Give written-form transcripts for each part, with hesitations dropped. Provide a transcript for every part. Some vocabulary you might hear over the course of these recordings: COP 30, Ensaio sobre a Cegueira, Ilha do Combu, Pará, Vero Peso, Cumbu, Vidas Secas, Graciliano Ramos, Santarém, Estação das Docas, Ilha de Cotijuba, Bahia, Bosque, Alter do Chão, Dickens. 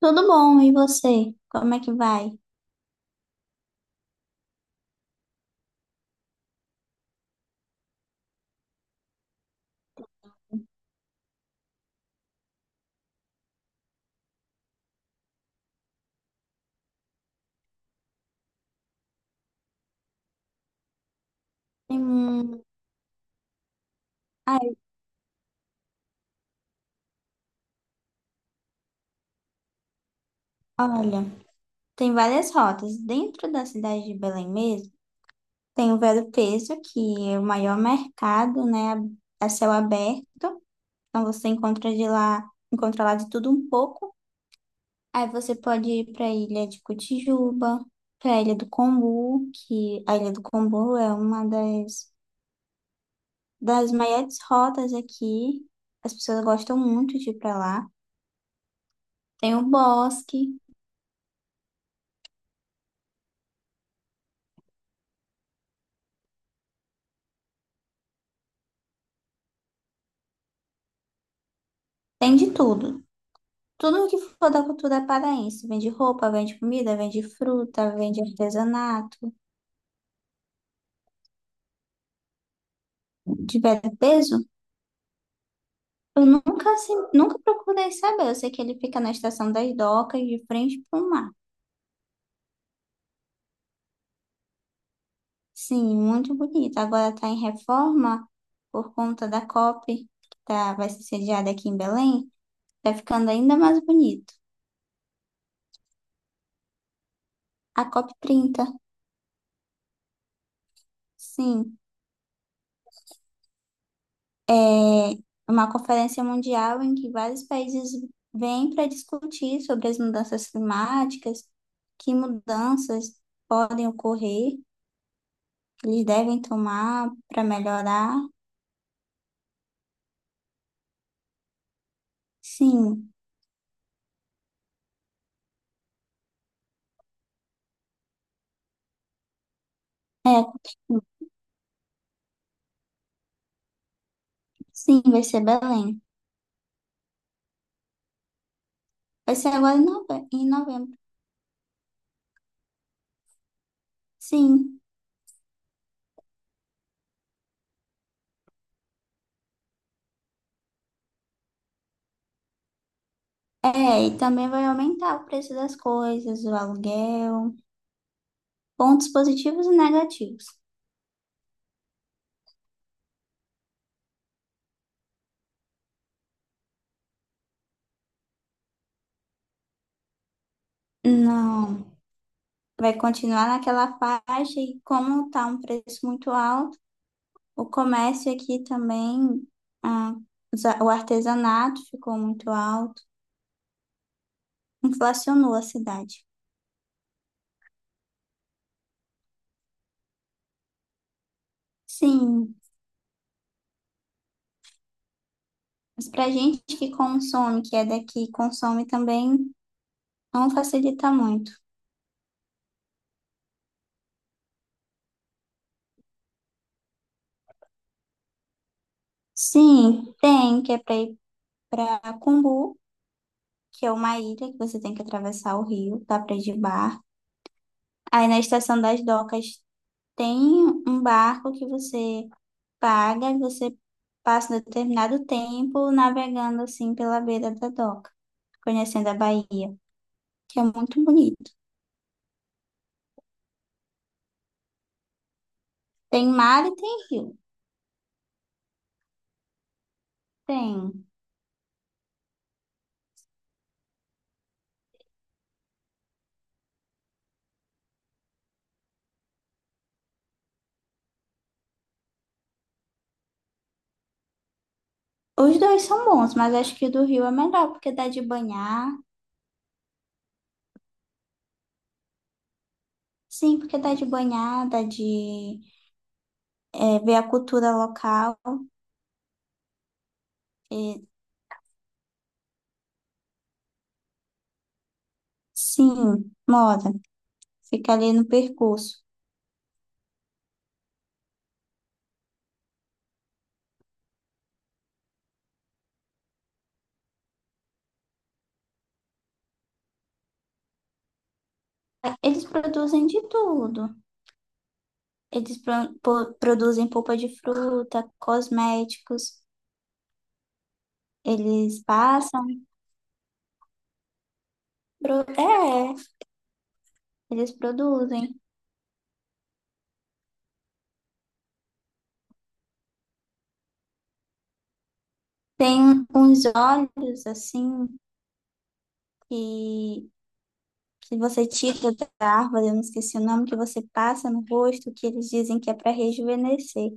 Tudo bom, e você? Como é que vai? Tem um... Ai, olha, tem várias rotas. Dentro da cidade de Belém mesmo, tem o Vero Peso, que é o maior mercado, né, a céu aberto. Então você encontra de lá, encontra lá de tudo um pouco. Aí você pode ir para a Ilha de Cotijuba, para a Ilha do Combu, que a Ilha do Combu é das maiores rotas aqui. As pessoas gostam muito de ir para lá. Tem o Bosque. Tem de tudo. Tudo que for da cultura paraense. Vende roupa, vende comida, vende fruta, vende artesanato, de peso. Eu nunca, assim, nunca procurei saber. Eu sei que ele fica na Estação das Docas, de frente para o mar. Sim, muito bonito. Agora está em reforma por conta da COP, que tá, vai ser sediada aqui em Belém. Está ficando ainda mais bonito. A COP 30, sim. É uma conferência mundial em que vários países vêm para discutir sobre as mudanças climáticas, que mudanças podem ocorrer, que eles devem tomar para melhorar. Sim, é, sim, vai ser Belém. Vai ser agora em novembro. Sim, é, e também vai aumentar o preço das coisas, o aluguel, pontos positivos e negativos. Não, vai continuar naquela faixa, e como está um preço muito alto, o comércio aqui também, ah, o artesanato ficou muito alto, inflacionou a cidade. Sim, mas para gente que consome, que é daqui, consome também, não facilita muito. Sim, tem, que é para ir para Cumbu, que é uma ilha que você tem que atravessar o rio, dá para ir de barco. Aí na Estação das Docas tem um barco que você paga e você passa um determinado tempo navegando assim pela beira da doca, conhecendo a Bahia, que é muito bonito. Tem mar e tem rio. Tem. Os dois são bons, mas acho que o do rio é melhor, porque dá de banhar. Sim, porque dá de banhar, dá de ver a cultura local. E sim, moda. Fica ali no percurso. Eles produzem de tudo. Eles produzem polpa de fruta, cosméticos. Eles passam, pro- é, eles produzem. Tem uns olhos assim que, que você tira da árvore, eu não esqueci o nome, que você passa no rosto, que eles dizem que é para rejuvenescer.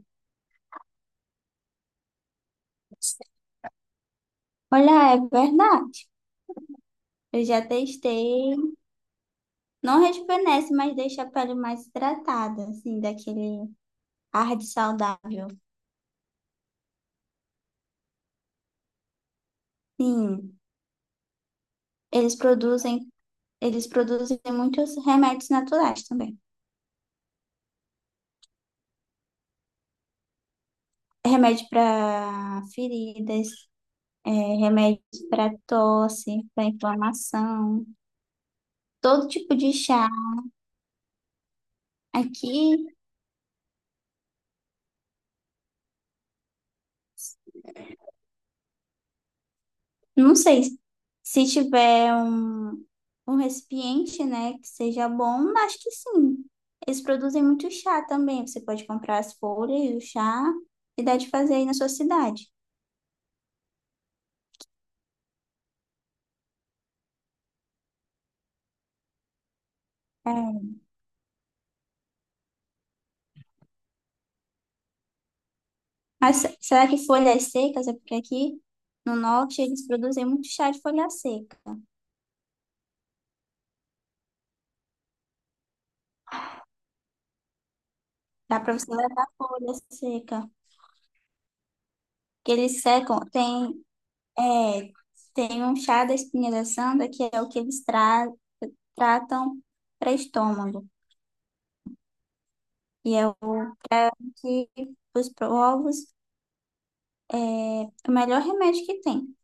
Olha, é verdade. Eu já testei. Não rejuvenesce, mas deixa a pele mais hidratada, assim, daquele ar de saudável. Sim, eles produzem, eles produzem muitos remédios naturais também. Remédio para feridas, remédios para tosse, para inflamação, todo tipo de chá. Aqui, não sei se tiver um, um recipiente, né, que seja bom, acho que sim. Eles produzem muito chá também. Você pode comprar as folhas, o chá, e dá de fazer aí na sua cidade. É, mas será que folhas secas? É porque aqui no norte eles produzem muito chá de folha seca. Dá para você levar folha seca. Que eles secam, tem, é, tem um chá da espinha da santa que é o que eles tratam para estômago. E é o pra- que os povos é o melhor remédio que tem.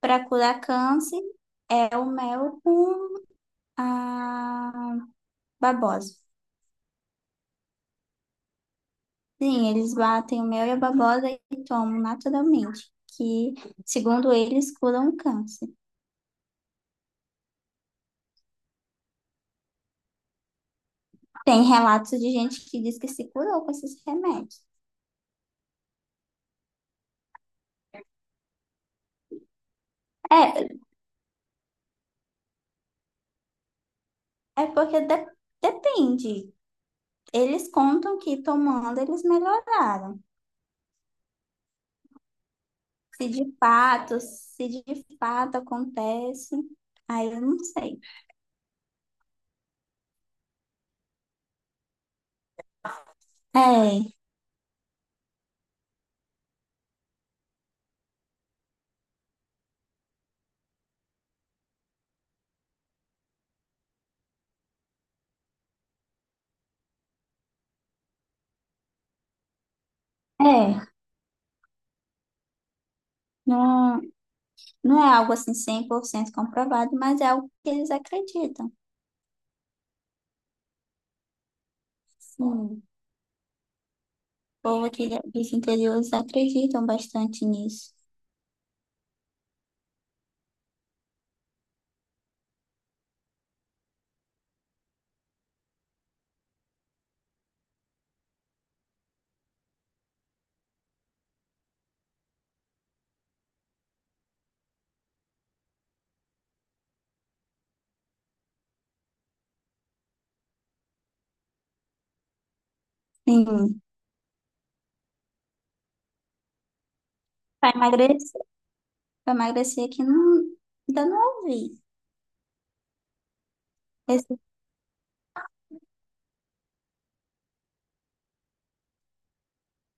Para curar câncer é o mel com a babosa. Sim, eles batem o mel e a babosa e tomam naturalmente, que segundo eles curam o câncer. Tem relatos de gente que diz que se curou com esses remédios. É, é porque depende. Eles contam que tomando eles melhoraram. Se de fato, acontece, aí eu não sei. É, é. Não, não é algo assim 100% comprovado, mas é algo que eles acreditam. Sim. O povo aqui dos interiores acreditam bastante nisso. Sim. Para emagrecer, aqui não, ainda não ouvi. Esse-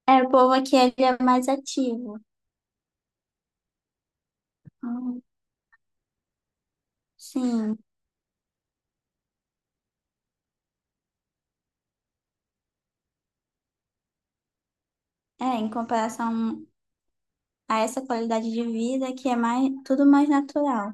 é, o povo aqui é, ele é mais ativo. Hum, Sim. É, em comparação a essa qualidade de vida que é mais, tudo mais natural.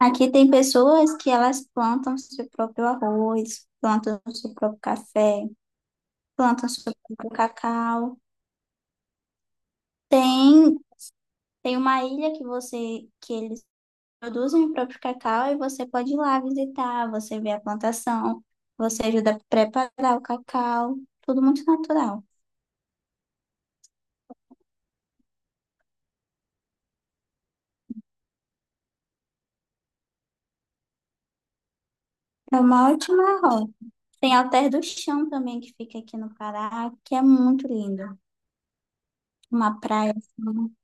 Aqui tem pessoas que elas plantam seu próprio arroz, plantam seu próprio café, plantam seu próprio cacau. Tem, tem uma ilha que você que eles produzem o próprio cacau e você pode ir lá visitar, você vê a plantação, você ajuda a preparar o cacau, tudo muito natural. É uma ótima rota. Tem Alter do Chão também que fica aqui no Pará, que é muito lindo. Uma praia assim,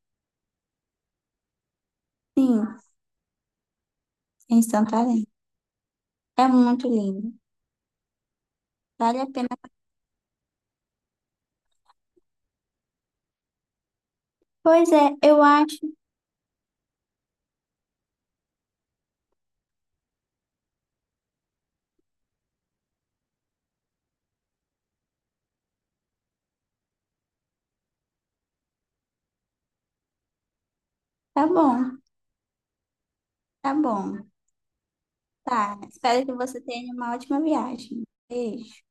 sim, em Santarém. É muito lindo. Vale a pena. Pois é, eu acho. Tá bom, tá bom. Tá. Espero que você tenha uma ótima viagem. Beijo.